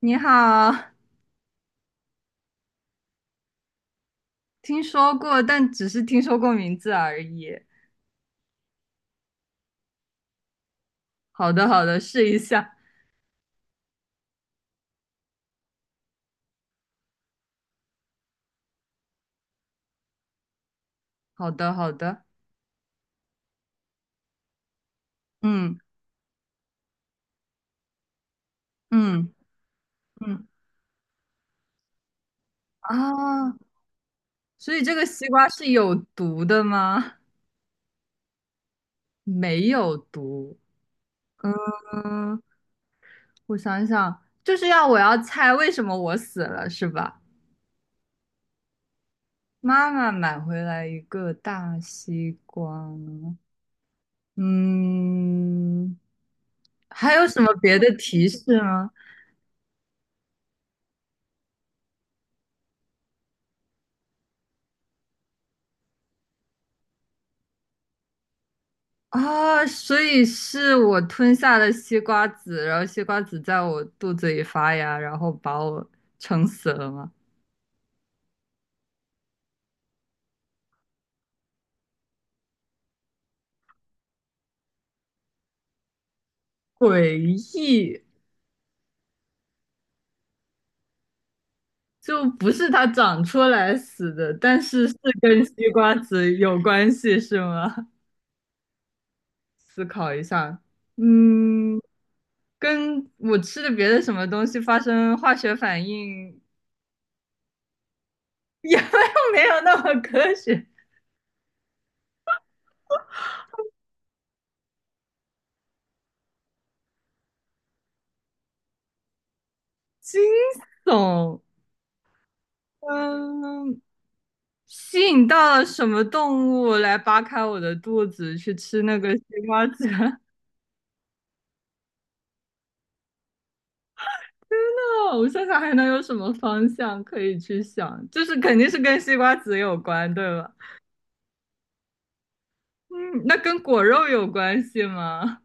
你好，听说过，但只是听说过名字而已。好的，好的，试一下。好的，好的。嗯，嗯，嗯，啊，所以这个西瓜是有毒的吗？没有毒。嗯，我想想，就是我要猜为什么我死了，是吧？妈妈买回来一个大西瓜。嗯，还有什么别的提示吗？啊，所以是我吞下了西瓜籽，然后西瓜籽在我肚子里发芽，然后把我撑死了吗？诡异，就不是它长出来死的，但是是跟西瓜籽有关系，是吗？思考一下，嗯，跟我吃的别的什么东西发生化学反应，也 没有没有那么科学，惊悚，嗯。吸引到了什么动物来扒开我的肚子去吃那个西瓜籽？天呐，我想想还能有什么方向可以去想？就是肯定是跟西瓜籽有关，对吧？嗯，那跟果肉有关系吗？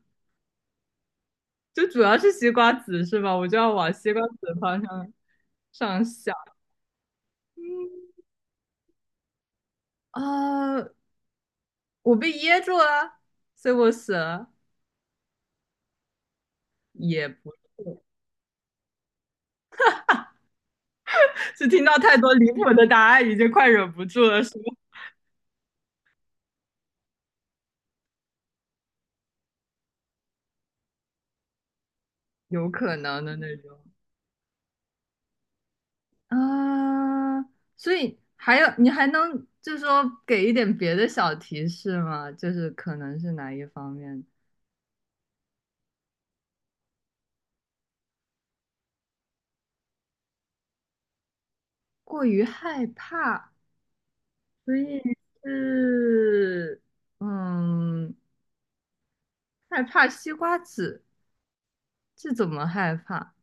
就主要是西瓜籽是吧？我就要往西瓜籽的方向上想。嗯，啊，我被噎住了，所以我死了，也不是，是听到太多离谱的答案，已经快忍不住了，是吗？有可能的那种啊，所以还有你还能就是说给一点别的小提示吗？就是可能是哪一方面过于害怕，所以是嗯害怕西瓜籽，这怎么害怕？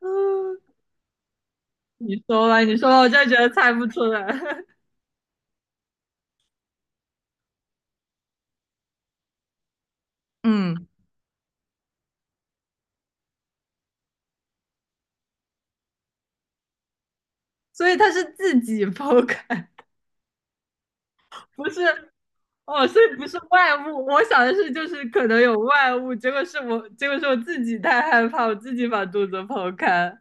嗯，你说吧，你说吧，我就觉得猜不出来。嗯，所以他是自己剖开，不是哦，所以不是外物，我想的是就是可能有外物，结果是我，结果是我自己太害怕，我自己把肚子剖开，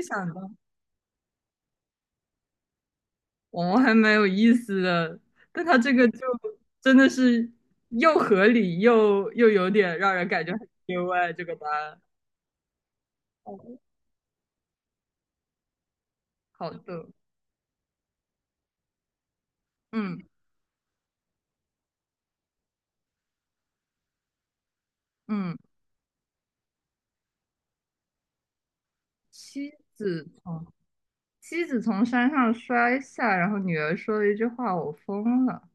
没想到，哦，还蛮有意思的。但他这个就真的是又合理又有点让人感觉很意外，这个答案。哦，好的，嗯，嗯，妻子从妻子从山上摔下，然后女儿说了一句话，我疯了。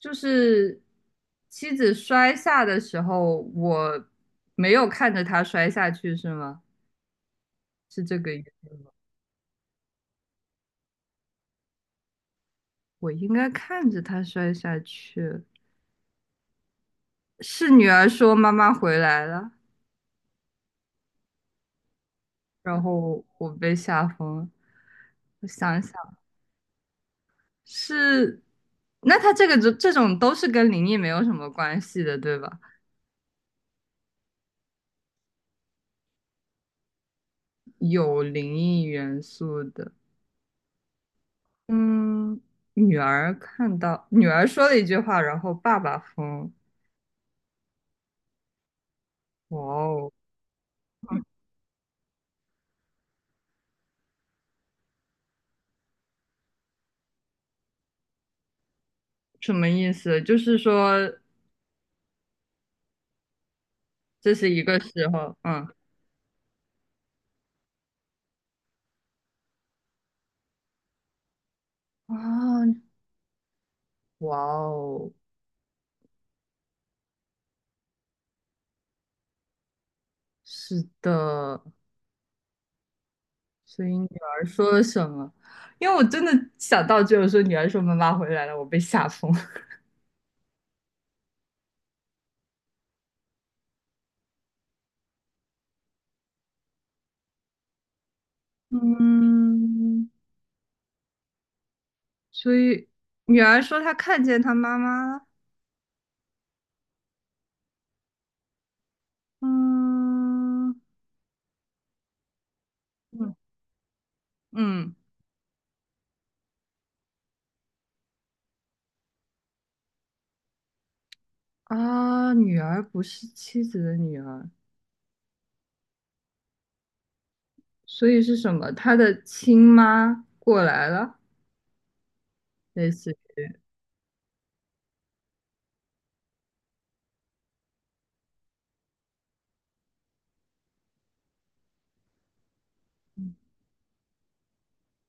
就是妻子摔下的时候，我没有看着她摔下去，是吗？是这个意思？我应该看着她摔下去。是女儿说妈妈回来了，然后我被吓疯了。我想想，是，那他这个这种都是跟灵异没有什么关系的，对吧？有灵异元素的，嗯，女儿说了一句话，然后爸爸疯，哇哦，什么意思？就是说这是一个时候，嗯，啊，哇哦，是的，所以女儿说了什么？因为我真的想到只有说女儿说妈妈回来了，我被吓疯了。嗯，所以女儿说她看见她妈妈了。嗯，嗯，嗯，啊，女儿不是妻子的女儿，所以是什么？她的亲妈过来了，类似。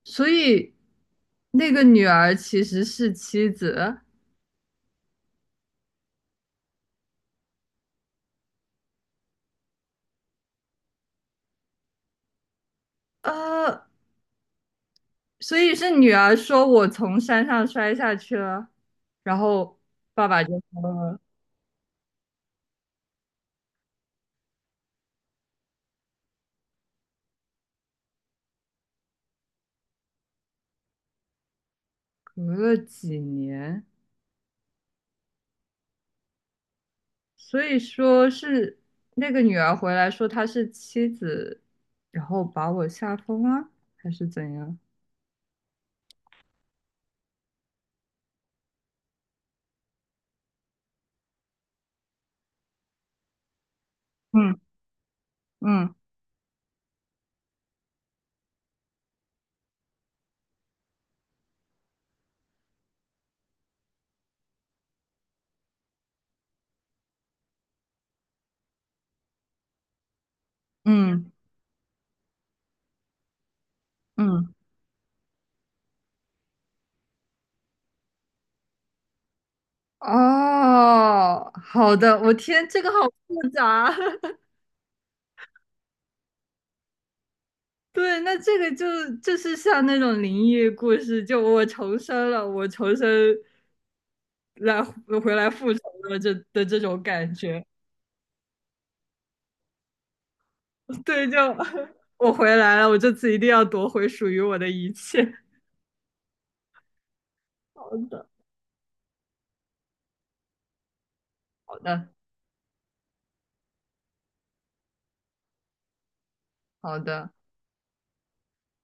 所以那个女儿其实是妻子，呃，所以是女儿说我从山上摔下去了，然后爸爸就说隔了几年，所以说是那个女儿回来说她是妻子，然后把我吓疯了，还是怎样？嗯，嗯，嗯，嗯，哦，好的，我天，这个好复杂。对，那这个就就是像那种灵异故事，就我重生了，我重生来回来复仇了这的这种感觉。对，就 我回来了，我这次一定要夺回属于我的一切。好的，好的，好的，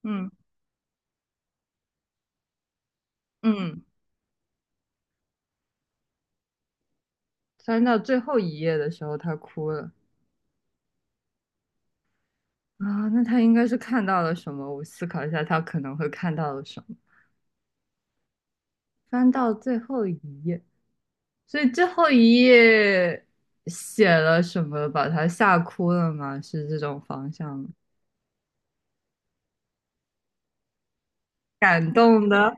嗯，嗯，翻到最后一页的时候，他哭了。啊，那他应该是看到了什么？我思考一下，他可能会看到了什么。翻到最后一页，所以最后一页写了什么，把他吓哭了吗？是这种方向吗？感动的，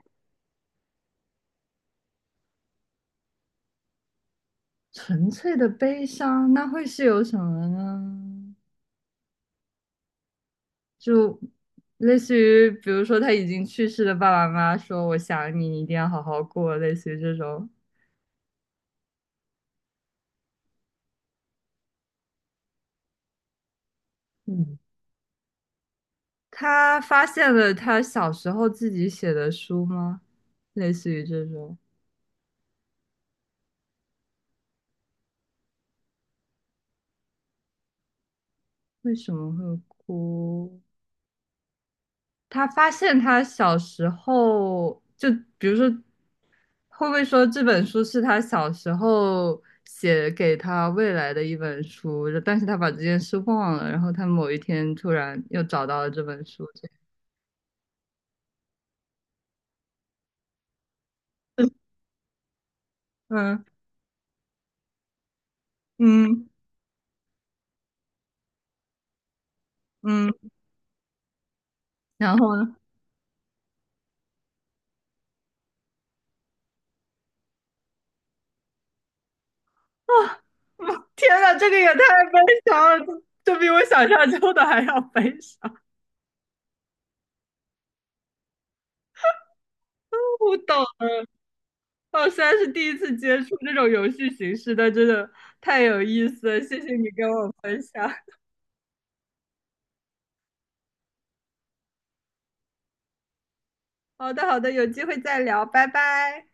纯粹的悲伤，那会是有什么呢？就类似于，比如说他已经去世的爸爸妈妈说：“我想你，你一定要好好过。”类似于这种。嗯，他发现了他小时候自己写的书吗？类似于这种，为什么会哭？他发现他小时候，就比如说，会不会说这本书是他小时候写给他未来的一本书，但是他把这件事忘了，然后他某一天突然又找到了这本书，这样。嗯，嗯，嗯，然后呢？啊，天呐，这个也太悲伤了，这比我想象中的还要悲伤。不懂，我虽然是第一次接触这种游戏形式，但真的太有意思了，谢谢你跟我分享。好的，好的，有机会再聊，拜拜。